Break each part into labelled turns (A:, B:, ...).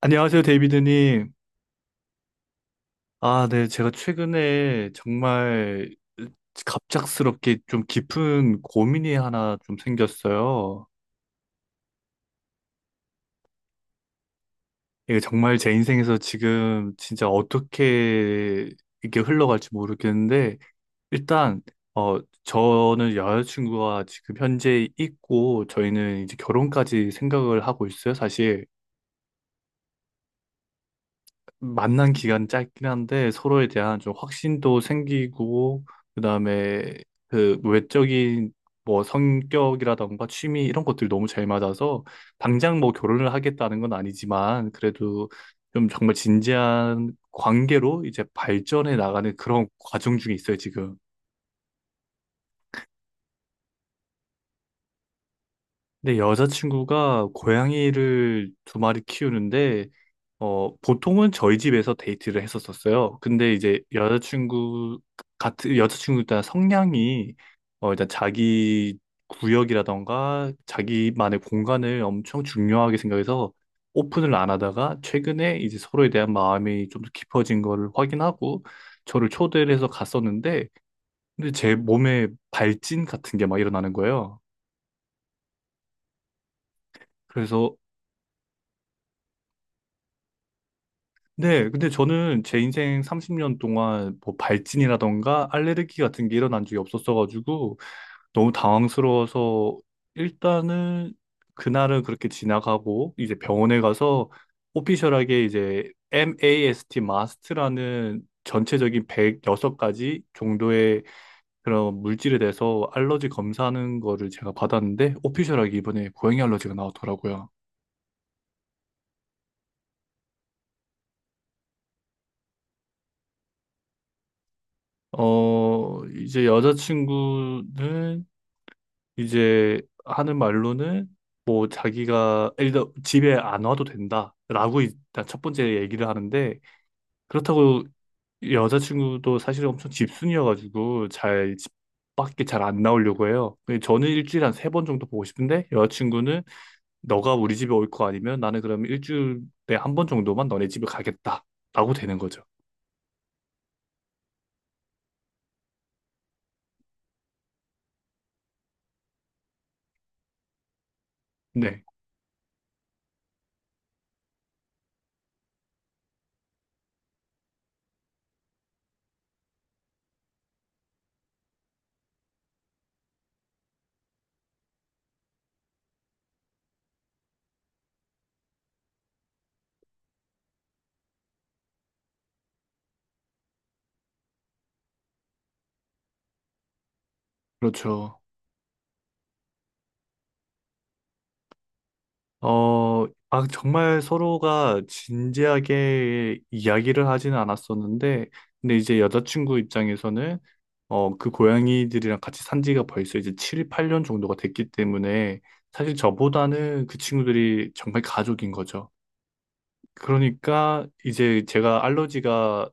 A: 안녕하세요, 데이비드님. 아, 네. 제가 최근에 정말 갑작스럽게 좀 깊은 고민이 하나 좀 생겼어요. 이게 정말 제 인생에서 지금 진짜 어떻게 이게 흘러갈지 모르겠는데, 일단, 어, 저는 여자친구가 지금 현재 있고, 저희는 이제 결혼까지 생각을 하고 있어요, 사실. 만난 기간 짧긴 한데 서로에 대한 좀 확신도 생기고 그다음에 그 외적인 뭐 성격이라던가 취미 이런 것들이 너무 잘 맞아서 당장 뭐 결혼을 하겠다는 건 아니지만 그래도 좀 정말 진지한 관계로 이제 발전해 나가는 그런 과정 중에 있어요, 지금. 근데 여자친구가 고양이를 두 마리 키우는데 보통은 저희 집에서 데이트를 했었었어요. 근데 이제 여자친구 일단 성향이 일단 자기 구역이라던가 자기만의 공간을 엄청 중요하게 생각해서 오픈을 안 하다가 최근에 이제 서로에 대한 마음이 좀 더 깊어진 거를 확인하고 저를 초대를 해서 갔었는데 근데 제 몸에 발진 같은 게 막 일어나는 거예요. 그래서 네, 근데 저는 제 인생 30년 동안 뭐 발진이라던가 알레르기 같은 게 일어난 적이 없었어가지고 너무 당황스러워서 일단은 그날은 그렇게 지나가고 이제 병원에 가서 오피셜하게 이제 MAST, 마스트라는 전체적인 106가지 정도의 그런 물질에 대해서 알러지 검사하는 거를 제가 받았는데 오피셜하게 이번에 고양이 알러지가 나왔더라고요. 이제 여자친구는 이제 하는 말로는 뭐 자기가 일단 집에 안 와도 된다라고 일단 첫 번째 얘기를 하는데 그렇다고 여자친구도 사실 엄청 집순이여가지고 잘 집 밖에 잘 안 나오려고 해요. 근데 저는 일주일에 한 세 번 정도 보고 싶은데 여자친구는 너가 우리 집에 올 거 아니면 나는 그러면 일주일에 한 번 정도만 너네 집에 가겠다라고 되는 거죠. 네, 그렇죠. 어, 정말 서로가 진지하게 이야기를 하지는 않았었는데, 근데 이제 여자친구 입장에서는, 그 고양이들이랑 같이 산 지가 벌써 이제 7, 8년 정도가 됐기 때문에, 사실 저보다는 그 친구들이 정말 가족인 거죠. 그러니까 이제 제가 알러지가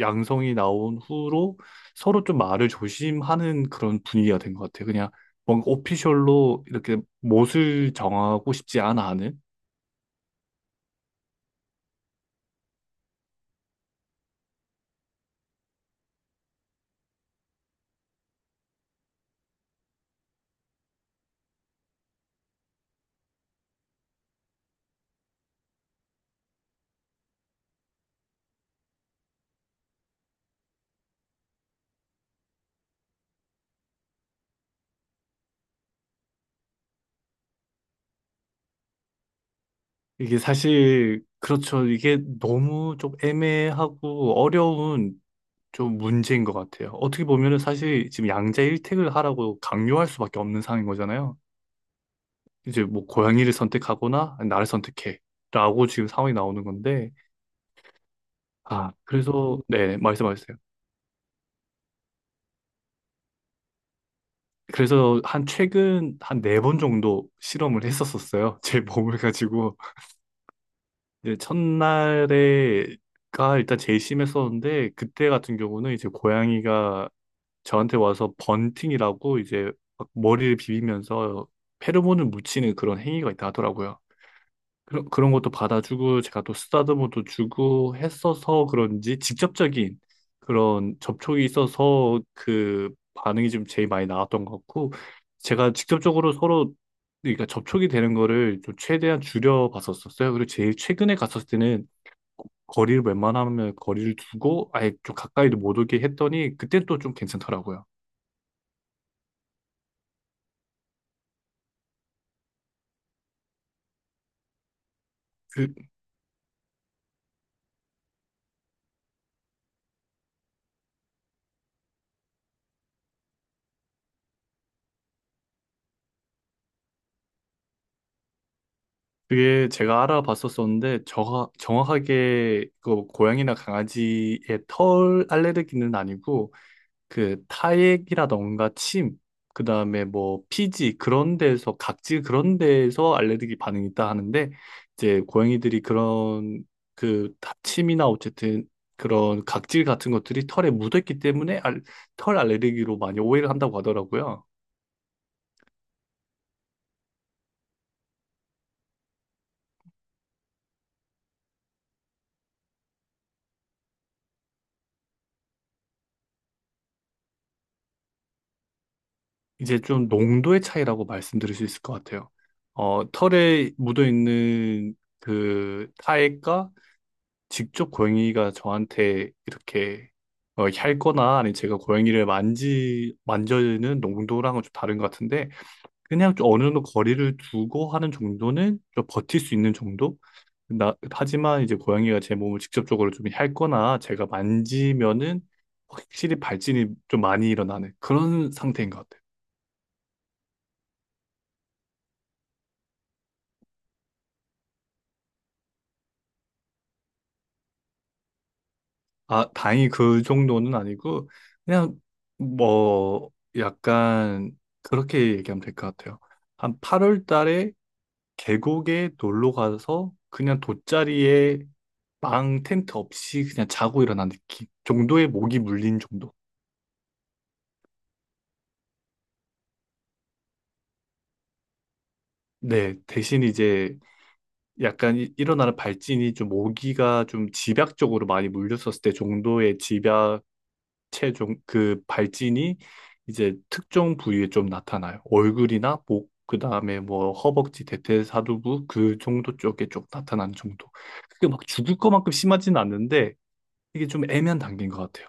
A: 양성이 나온 후로 서로 좀 말을 조심하는 그런 분위기가 된 것 같아요. 그냥 뭔가 오피셜로 이렇게 못을 정하고 싶지 않아 하는? 이게 사실 그렇죠. 이게 너무 좀 애매하고 어려운 좀 문제인 것 같아요. 어떻게 보면은 사실 지금 양자 일택을 하라고 강요할 수밖에 없는 상황인 거잖아요. 이제 뭐 고양이를 선택하거나 아니, 나를 선택해라고 지금 상황이 나오는 건데 아 그래서 네 말씀하셨어요. 그래서 한 최근 한 네 번 정도 실험을 했었었어요. 제 몸을 가지고 이제 첫날에 가 일단 제일 심했었는데 그때 같은 경우는 이제 고양이가 저한테 와서 번팅이라고 이제 막 머리를 비비면서 페로몬을 묻히는 그런 행위가 있다 하더라고요. 그런 것도 받아주고 제가 또 쓰다듬어도 주고 했어서 그런지 직접적인 그런 접촉이 있어서 그 반응이 좀 제일 많이 나왔던 것 같고 제가 직접적으로 서로 그러니까 접촉이 되는 거를 좀 최대한 줄여 봤었었어요. 그리고 제일 최근에 갔었을 때는 거리를 웬만하면 거리를 두고 아예 좀 가까이도 못 오게 했더니 그때 또 좀 괜찮더라고요. 그 그게 제가 알아봤었었는데 저 정확하게 그 고양이나 강아지의 털 알레르기는 아니고 그 타액이라던가 침 그다음에 뭐 피지 그런 데에서 각질 그런 데에서 알레르기 반응이 있다 하는데 이제 고양이들이 그런 침이나 어쨌든 그런 각질 같은 것들이 털에 묻었기 때문에 털 알레르기로 많이 오해를 한다고 하더라고요. 이제 좀 농도의 차이라고 말씀드릴 수 있을 것 같아요. 털에 묻어있는 그 타액과 직접 고양이가 저한테 이렇게 핥거나 아니면 제가 고양이를 만져는 농도랑은 좀 다른 것 같은데 그냥 좀 어느 정도 거리를 두고 하는 정도는 좀 버틸 수 있는 정도? 하지만 이제 고양이가 제 몸을 직접적으로 좀 핥거나 제가 만지면은 확실히 발진이 좀 많이 일어나는 그런 상태인 것 같아요. 아, 다행히 그 정도는 아니고, 그냥, 뭐, 약간, 그렇게 얘기하면 될 것 같아요. 한 8월 달에 계곡에 놀러 가서, 그냥 돗자리에 망 텐트 없이 그냥 자고 일어난 느낌 정도의 모기 물린 정도. 네, 대신 이제 약간 일어나는 발진이 좀 모기가 좀 집약적으로 많이 물렸었을 때 정도의 집약. 체중 그 발진이 이제 특정 부위에 좀 나타나요. 얼굴이나 목, 그다음에 뭐 허벅지, 대퇴사두부 그 정도 쪽에 좀 나타나는 정도. 그게 막 죽을 것만큼 심하진 않는데 이게 좀 애매한 단계인 것 같아요.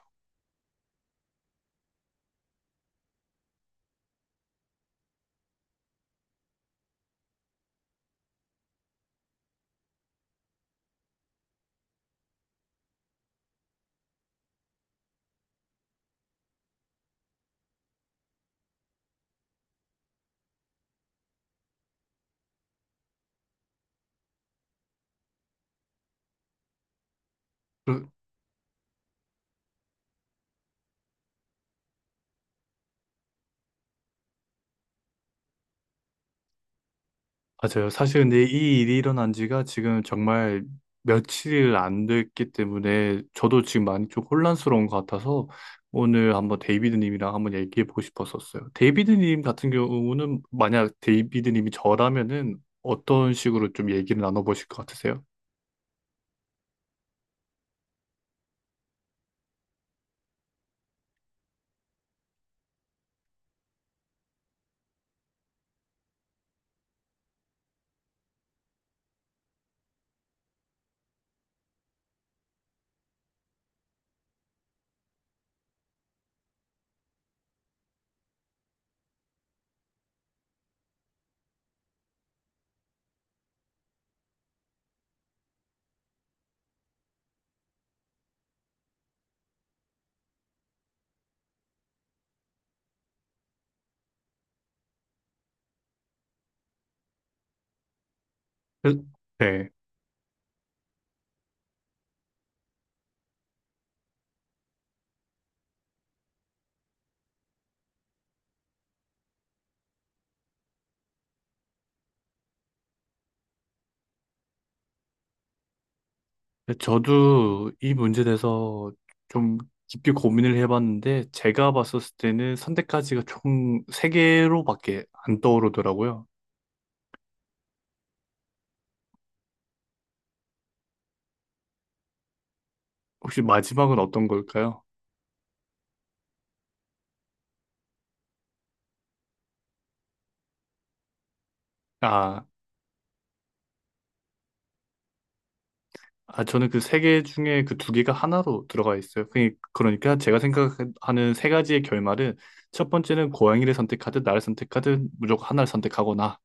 A: 맞아요. 사실 근데 이 일이 일어난 지가 지금 정말 며칠 안 됐기 때문에 저도 지금 많이 좀 혼란스러운 것 같아서 오늘 한번 데이비드님이랑 한번 얘기해 보고 싶었었어요. 데이비드님 같은 경우는 만약 데이비드님이 저라면은 어떤 식으로 좀 얘기를 나눠보실 것 같으세요? 그- 네. 저도 이 문제에 대해서 좀 깊게 고민을 해봤는데 제가 봤었을 때는 선택까지가 총 세 개로밖에 안 떠오르더라고요. 혹시 마지막은 어떤 걸까요? 아, 아, 저는 그 세 개 중에 그 두 개가 하나로 들어가 있어요. 그러니까 제가 생각하는 세 가지의 결말은 첫 번째는 고양이를 선택하든 나를 선택하든 무조건 하나를 선택하거나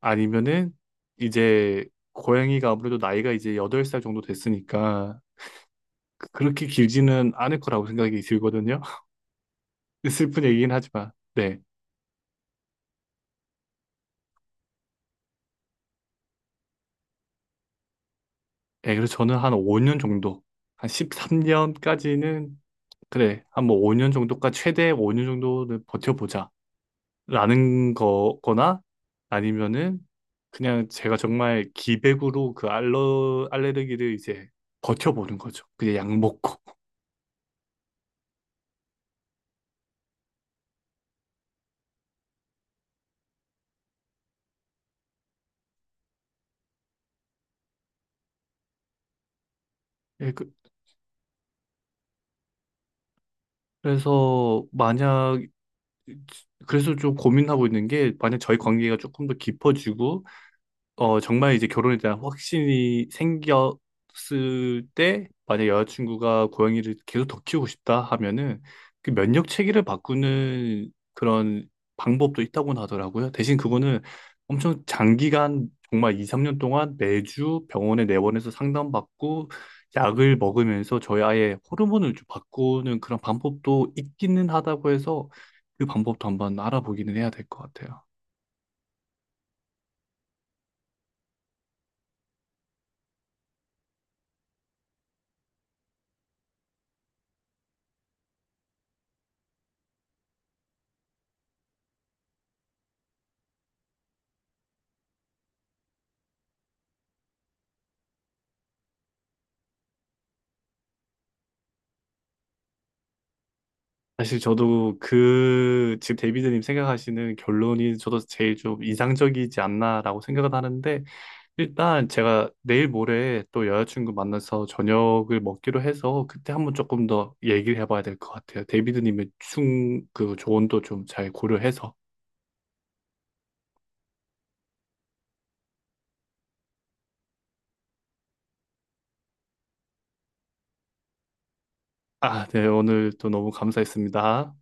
A: 아니면은 이제 고양이가 아무래도 나이가 이제 8살 정도 됐으니까 그렇게 길지는 않을 거라고 생각이 들거든요. 슬픈 얘기긴 하지만. 네. 네, 그래서 저는 한 5년 정도, 한 13년까지는 그래, 한 뭐 5년 정도까지, 최대 5년 정도는 버텨보자. 라는 거거나, 아니면은, 그냥 제가 정말 기백으로 그 알레르기를 이제 버텨보는 거죠. 그냥 약 먹고. 예, 래서 만약, 그래서 좀 고민하고 있는 게, 만약 저희 관계가 조금 더 깊어지고, 정말 이제 결혼에 대한 확신이 생겼을 때, 만약 여자친구가 고양이를 계속 더 키우고 싶다 하면은, 그 면역 체계를 바꾸는 그런 방법도 있다고 하더라고요. 대신 그거는 엄청 장기간, 정말 2, 3년 동안 매주 병원에 내원해서 상담받고, 약을 먹으면서 저희 아이의 호르몬을 좀 바꾸는 그런 방법도 있기는 하다고 해서, 그 방법도 한번 알아보기는 해야 될 것 같아요. 사실 저도 그 지금 데이비드님 생각하시는 결론이 저도 제일 좀 인상적이지 않나라고 생각은 하는데 일단 제가 내일 모레 또 여자친구 만나서 저녁을 먹기로 해서 그때 한번 조금 더 얘기를 해봐야 될 것 같아요. 데이비드님의 충 그 조언도 좀 잘 고려해서 아, 네 오늘 또 너무 감사했습니다.